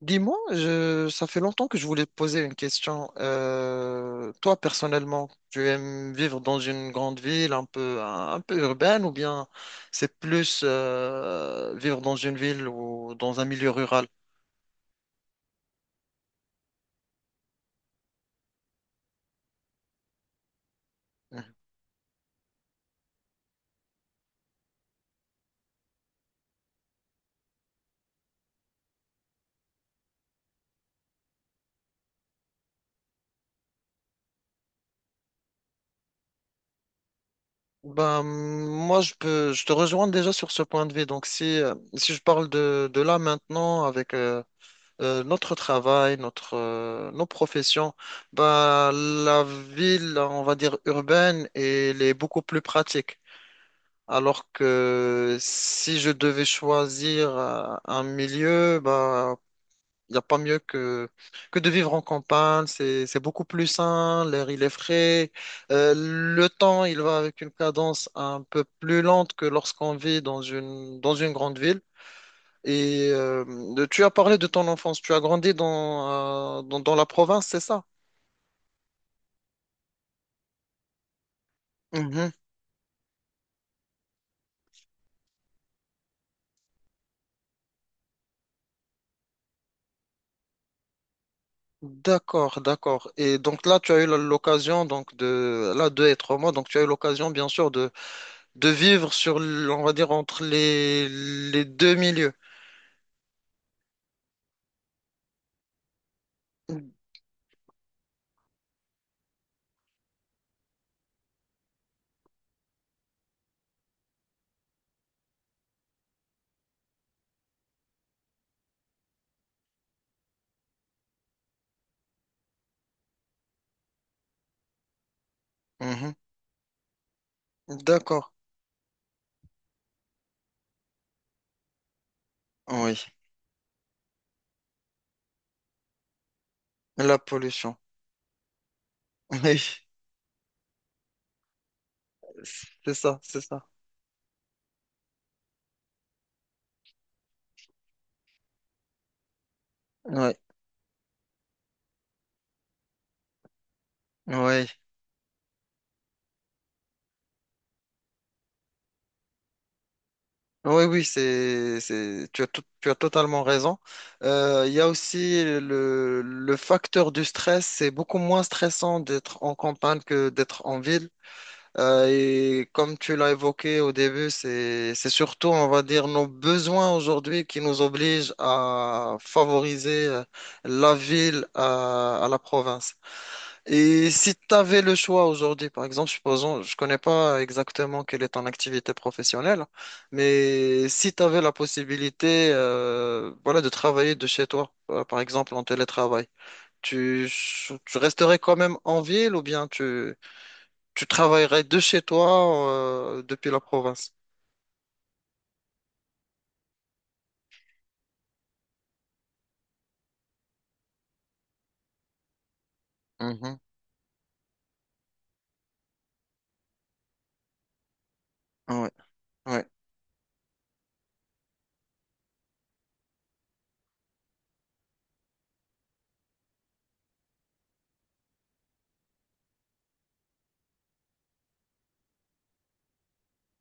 Dis-moi, ça fait longtemps que je voulais te poser une question. Toi, personnellement, tu aimes vivre dans une grande ville un peu, un peu urbaine ou bien c'est plus vivre dans une ville ou dans un milieu rural? Mhm. Ben, moi, je te rejoins déjà sur ce point de vue. Donc, si je parle de là maintenant avec notre travail, nos professions, ben, la ville, on va dire urbaine, elle est beaucoup plus pratique. Alors que si je devais choisir un milieu, bah, il n'y a pas mieux que de vivre en campagne. C'est beaucoup plus sain, l'air il est frais. Le temps, il va avec une cadence un peu plus lente que lorsqu'on vit dans dans une grande ville. Et tu as parlé de ton enfance. Tu as grandi dans la province, c'est ça? Mhm. D'accord, d'accord. Et donc là, tu as eu l'occasion donc de là d'être moi, donc tu as eu l'occasion bien sûr de vivre on va dire, entre les deux milieux. Mhm. D'accord. Oui. La pollution. Oui, c'est ça, c'est ça. Oui, oui. Oui, oui, tu as tu as totalement raison. Il y a aussi le facteur du stress. C'est beaucoup moins stressant d'être en campagne que d'être en ville. Et comme tu l'as évoqué au début, c'est surtout, on va dire, nos besoins aujourd'hui qui nous obligent à favoriser la ville à la province. Et si tu avais le choix aujourd'hui, par exemple, supposons, je connais pas exactement quelle est ton activité professionnelle, mais si tu avais la possibilité, voilà, de travailler de chez toi, par exemple, en télétravail, tu, tu resterais quand même en ville ou bien tu tu travaillerais de chez toi depuis la province. Mhm. Ouais, ouais,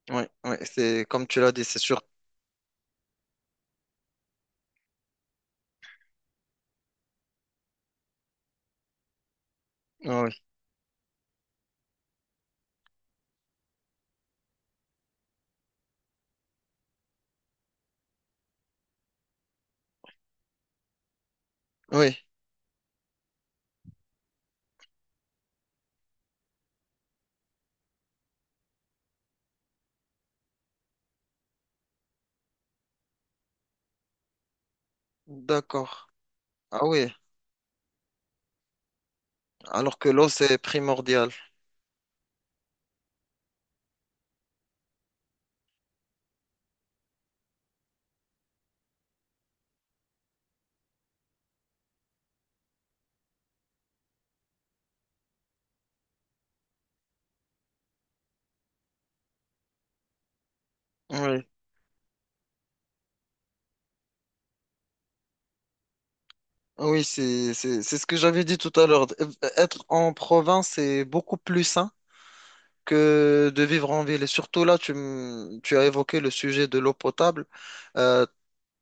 ouais, ouais. C'est comme tu l'as dit, c'est sûr. Ah oui, oui, d'accord. Ah oui, alors que l'eau, c'est primordial. Oui, ah oui, c'est ce que j'avais dit tout à l'heure. Être en province, c'est beaucoup plus sain que de vivre en ville. Et surtout là, tu as évoqué le sujet de l'eau potable. Euh,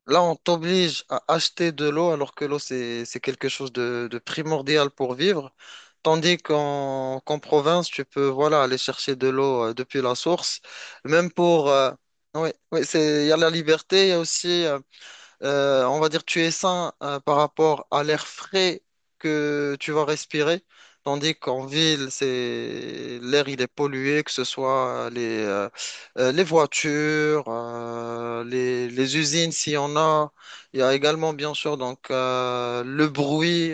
Là, on t'oblige à acheter de l'eau alors que l'eau, c'est quelque chose de primordial pour vivre. Tandis qu'en province, tu peux voilà, aller chercher de l'eau depuis la source. Même pour... ouais, ouais, c'est, il y a la liberté, il y a aussi... on va dire tu es sain par rapport à l'air frais que tu vas respirer, tandis qu'en ville, c'est l'air il est pollué, que ce soit les voitures, les usines s'il y en a. Il y a également bien sûr donc le bruit.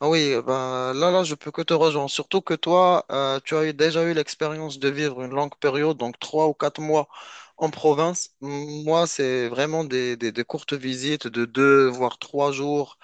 Ah oui, ben, là, je peux que te rejoindre. Surtout que toi, tu as eu, déjà eu l'expérience de vivre une longue période, donc trois ou quatre mois en province. Moi, c'est vraiment des courtes visites de deux, voire trois jours.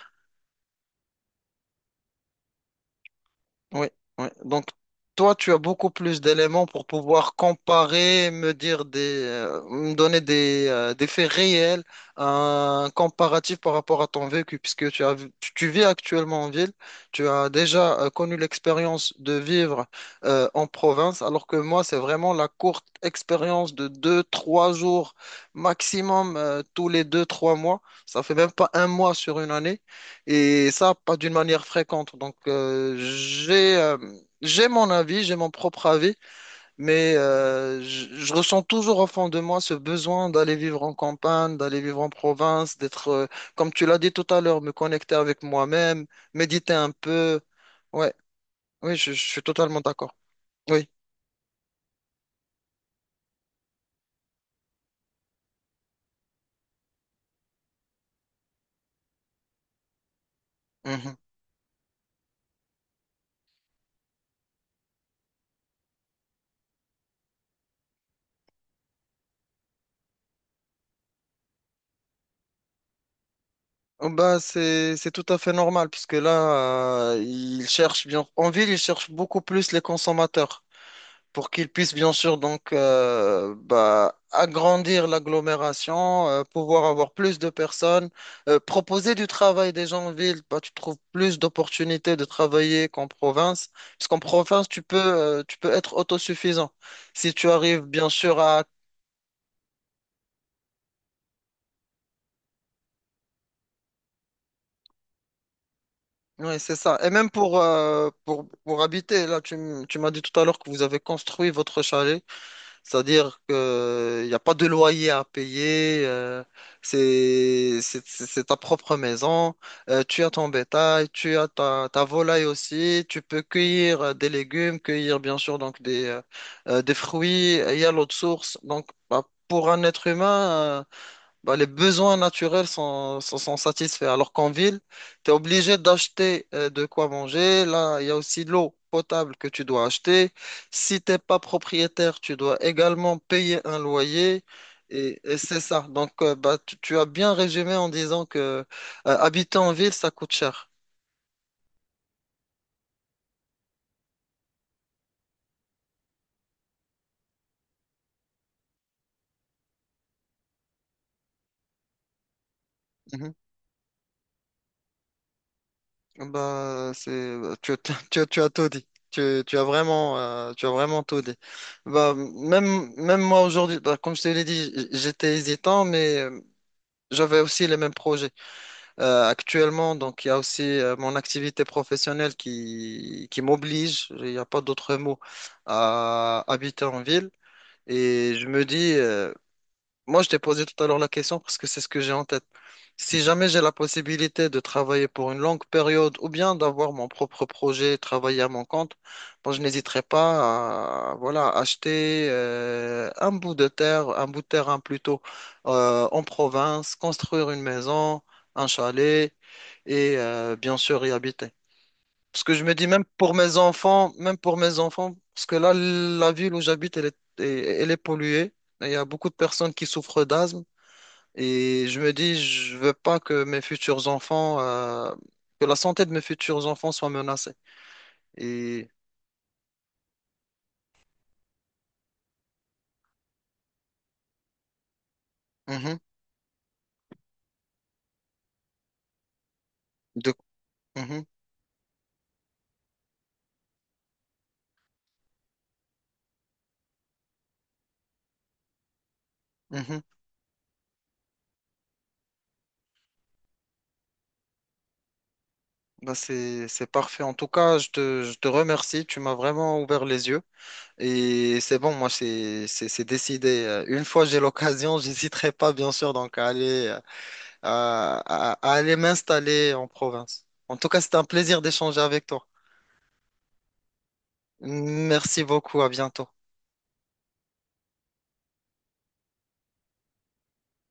Oui, oui. Donc, toi, tu as beaucoup plus d'éléments pour pouvoir comparer, me dire me donner des faits réels, un comparatif par rapport à ton vécu, puisque tu, tu vis actuellement en ville, tu as déjà connu l'expérience de vivre en province, alors que moi, c'est vraiment la courte expérience de deux, trois jours maximum tous les deux, trois mois. Ça fait même pas un mois sur une année. Et ça, pas d'une manière fréquente. Donc, j'ai mon avis, j'ai mon propre avis, mais je ressens toujours au fond de moi ce besoin d'aller vivre en campagne, d'aller vivre en province, comme tu l'as dit tout à l'heure, me connecter avec moi-même, méditer un peu. Ouais, oui, je suis totalement d'accord. Oui. Mhm. Oh, bah, c'est tout à fait normal, puisque là, ils cherchent bien. En ville, ils cherchent beaucoup plus les consommateurs. Pour qu'ils puissent bien sûr donc bah, agrandir l'agglomération, pouvoir avoir plus de personnes, proposer du travail des gens en ville. Bah, tu trouves plus d'opportunités de travailler qu'en province, puisqu'en province, tu peux être autosuffisant. Si tu arrives bien sûr à... Oui, c'est ça. Et même pour habiter, là, tu m'as dit tout à l'heure que vous avez construit votre chalet. C'est-à-dire qu'il n'y a pas de loyer à payer, c'est ta propre maison, tu as ton bétail, tu as ta volaille aussi, tu peux cueillir des légumes, cueillir bien sûr donc des fruits, il y a l'eau de source. Donc bah, pour un être humain, bah, les besoins naturels sont satisfaits. Alors qu'en ville, tu es obligé d'acheter de quoi manger. Là, il y a aussi l'eau potable que tu dois acheter. Si t'es pas propriétaire, tu dois également payer un loyer. Et c'est ça. Donc, bah, tu as bien résumé en disant que habiter en ville, ça coûte cher. Mhm. Bah, c'est, bah, tu as tout dit. Tu as vraiment, tu as vraiment tout dit. Bah, même, même moi aujourd'hui, bah, comme je te l'ai dit, j'étais hésitant, mais j'avais aussi les mêmes projets actuellement. Donc, il y a aussi mon activité professionnelle qui m'oblige, il n'y a pas d'autre mot, à habiter en ville. Et je me dis, moi, je t'ai posé tout à l'heure la question parce que c'est ce que j'ai en tête. Si jamais j'ai la possibilité de travailler pour une longue période ou bien d'avoir mon propre projet, travailler à mon compte, moi, je n'hésiterai pas à voilà, acheter un bout de terre, un bout de terrain plutôt en province, construire une maison, un chalet et bien sûr y habiter. Parce que je me dis même pour mes enfants, même pour mes enfants, parce que là, la ville où j'habite, elle est polluée. Et il y a beaucoup de personnes qui souffrent d'asthme. Et je me dis, je veux pas que mes futurs enfants, que la santé de mes futurs enfants soit menacée. Et mhm, de, mhm, mhm. Bah, c'est parfait. En tout cas, je te remercie. Tu m'as vraiment ouvert les yeux. Et c'est bon, moi, c'est décidé. Une fois j'ai l'occasion, j'hésiterai pas, bien sûr, donc à aller. À aller m'installer en province. En tout cas, c'était un plaisir d'échanger avec toi. Merci beaucoup, à bientôt.